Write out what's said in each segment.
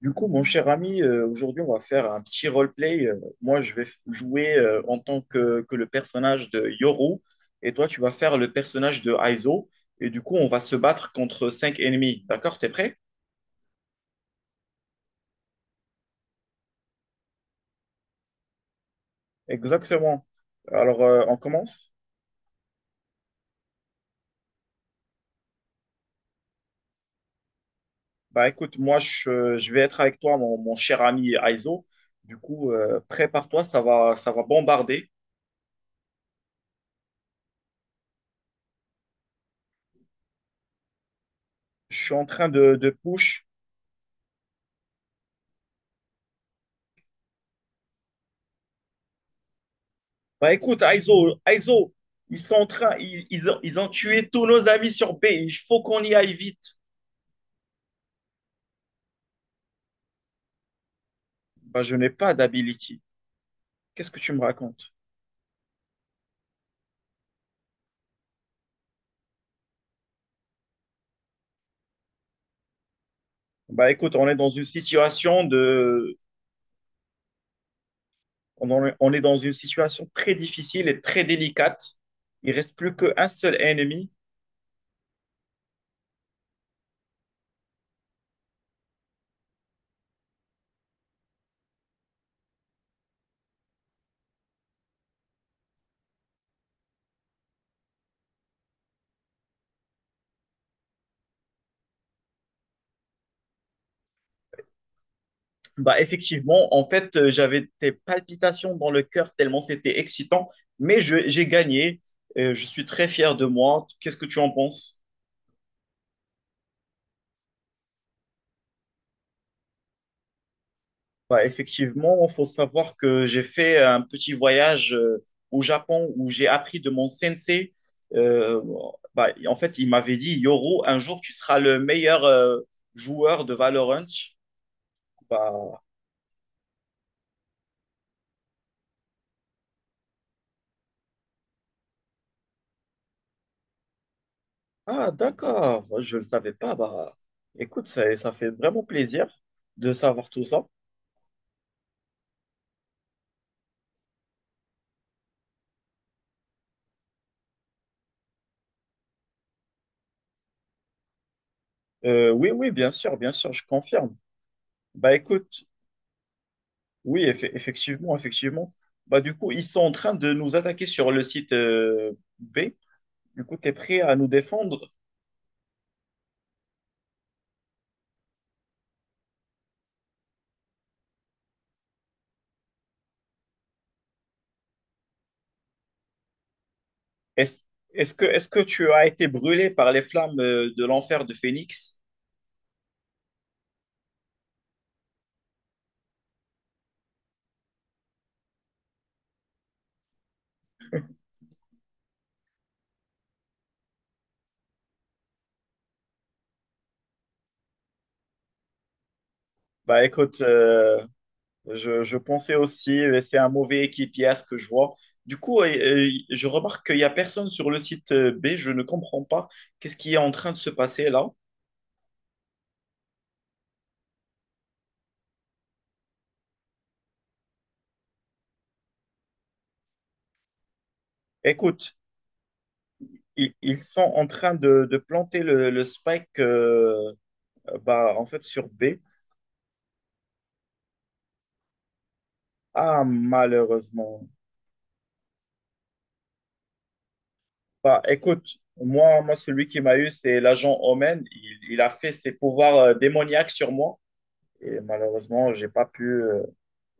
Du coup, mon cher ami, aujourd'hui, on va faire un petit roleplay. Moi, je vais jouer en tant que, le personnage de Yoru et toi, tu vas faire le personnage de Aizo. Et du coup, on va se battre contre cinq ennemis. D'accord? T'es prêt? Exactement. Alors, on commence? Bah, écoute, moi, je vais être avec toi, mon cher ami Aizo. Du coup, prépare-toi, ça va bombarder. Je suis en train de push. Bah écoute, Aizo, ils sont en train, ils ont tué tous nos amis sur B. Il faut qu'on y aille vite. Bah je n'ai pas d'ability. Qu'est-ce que tu me racontes? Bah écoute, on est dans une situation de, on est dans une situation très difficile et très délicate. Il reste plus qu'un seul ennemi. Bah effectivement, en fait, j'avais des palpitations dans le cœur tellement c'était excitant, mais j'ai gagné. Je suis très fier de moi. Qu'est-ce que tu en penses? Bah effectivement, il faut savoir que j'ai fait un petit voyage au Japon où j'ai appris de mon sensei. Euh, Bah, en fait, il m'avait dit, Yoro, un jour tu seras le meilleur joueur de Valorant. Bah, Ah, d'accord, je ne le savais pas. Bah, écoute, ça fait vraiment plaisir de savoir tout ça. Oui, oui, bien sûr, je confirme. Bah, écoute, oui, effectivement, effectivement. Bah, du coup, ils sont en train de nous attaquer sur le site B. Du coup, tu es prêt à nous défendre? Est-ce, est-ce que tu as été brûlé par les flammes de l'enfer de Phoenix? Bah écoute, je pensais aussi, c'est un mauvais équipier à ce que je vois. Du coup, je remarque qu'il n'y a personne sur le site B, je ne comprends pas qu'est-ce qui est en train de se passer là. Écoute, ils, sont en train de planter le spike bah, en fait sur B. Ah, malheureusement. Bah, écoute, moi, celui qui m'a eu, c'est l'agent Omen. Il a fait ses pouvoirs démoniaques sur moi. Et malheureusement, j'ai pas pu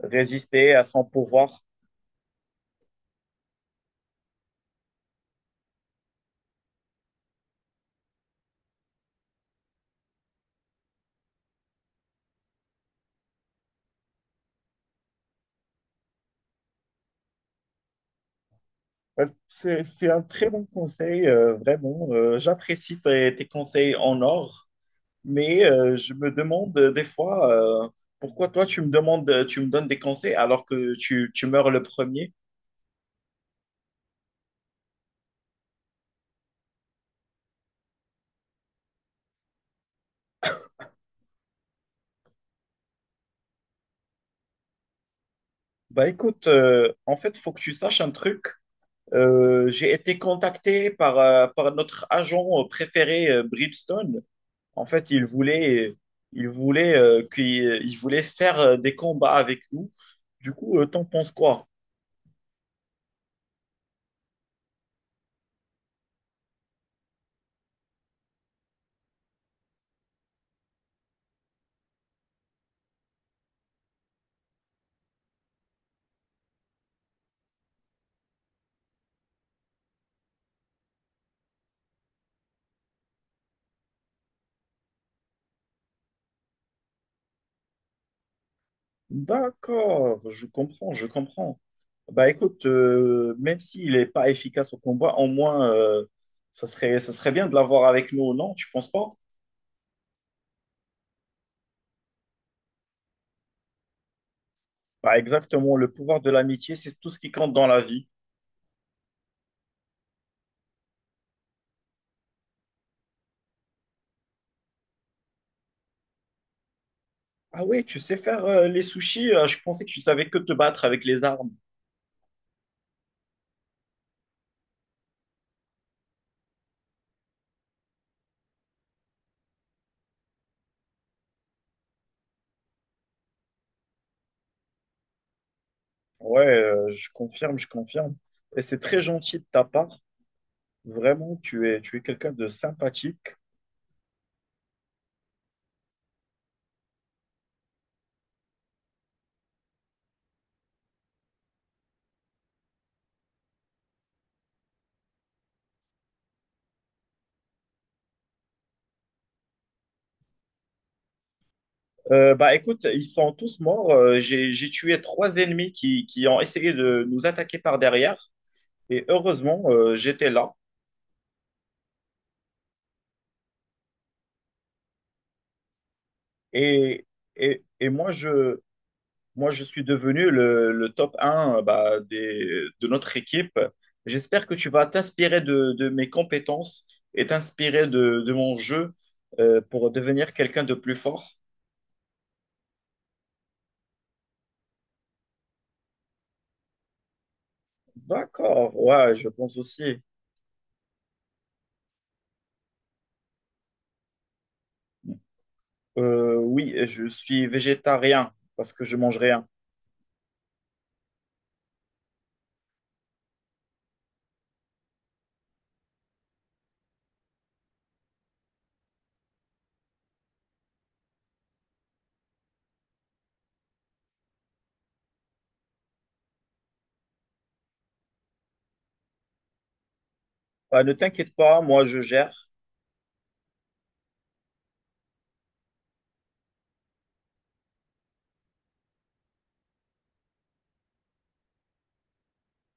résister à son pouvoir. C'est un très bon conseil, vraiment. J'apprécie tes, tes conseils en or. Mais je me demande des fois pourquoi toi tu me demandes, tu me donnes des conseils alors que tu meurs le premier. Bah écoute, en fait, il faut que tu saches un truc. J'ai été contacté par, par notre agent préféré, Bridgestone. En fait, il voulait, il voulait, il voulait faire des combats avec nous. Du coup, t'en penses quoi? D'accord, je comprends, je comprends. Bah écoute, même s'il n'est pas efficace au combat, au moins, ça serait bien de l'avoir avec nous, non? Tu penses pas? Bah exactement, le pouvoir de l'amitié, c'est tout ce qui compte dans la vie. Ah ouais, tu sais faire les sushis, je pensais que tu savais que te battre avec les armes. Ouais, je confirme, je confirme. Et c'est très gentil de ta part. Vraiment, tu es quelqu'un de sympathique. Bah écoute, ils sont tous morts. J'ai tué trois ennemis qui ont essayé de nous attaquer par derrière. Et heureusement, j'étais là. Et, et moi, moi, je suis devenu le top un bah, des, de notre équipe. J'espère que tu vas t'inspirer de mes compétences et t'inspirer de mon jeu pour devenir quelqu'un de plus fort. D'accord, ouais, je pense aussi. Oui, je suis végétarien parce que je mange rien. Bah, ne t'inquiète pas, moi je gère.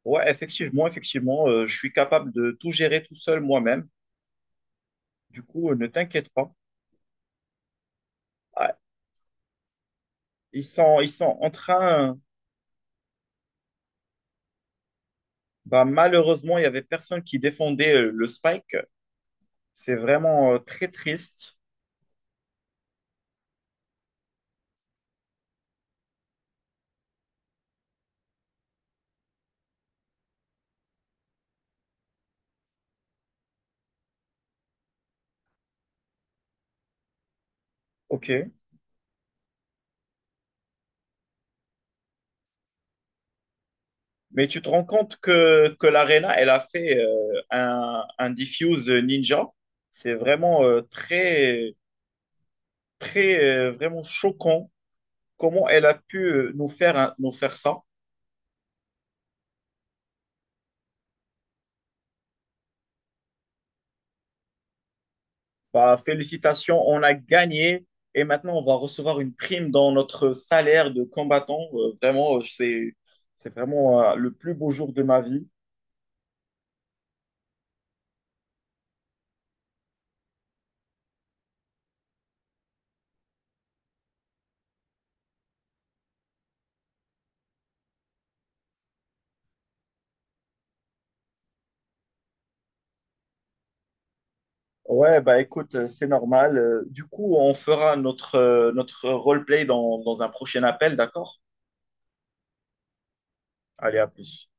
Ouais, effectivement, effectivement, je suis capable de tout gérer tout seul moi-même. Du coup, ne t'inquiète pas. Ah, ils sont en train. Bah, malheureusement, il y avait personne qui défendait le spike. C'est vraiment très triste. Ok. Mais tu te rends compte que l'Arena, elle a fait un diffuse ninja. C'est vraiment très très vraiment choquant comment elle a pu nous faire, nous faire ça. Bah, félicitations, on a gagné et maintenant on va recevoir une prime dans notre salaire de combattant. Vraiment, c'est vraiment le plus beau jour de ma vie. Ouais, bah écoute, c'est normal. Du coup, on fera notre, notre roleplay dans, dans un prochain appel, d'accord? Allez, à plus.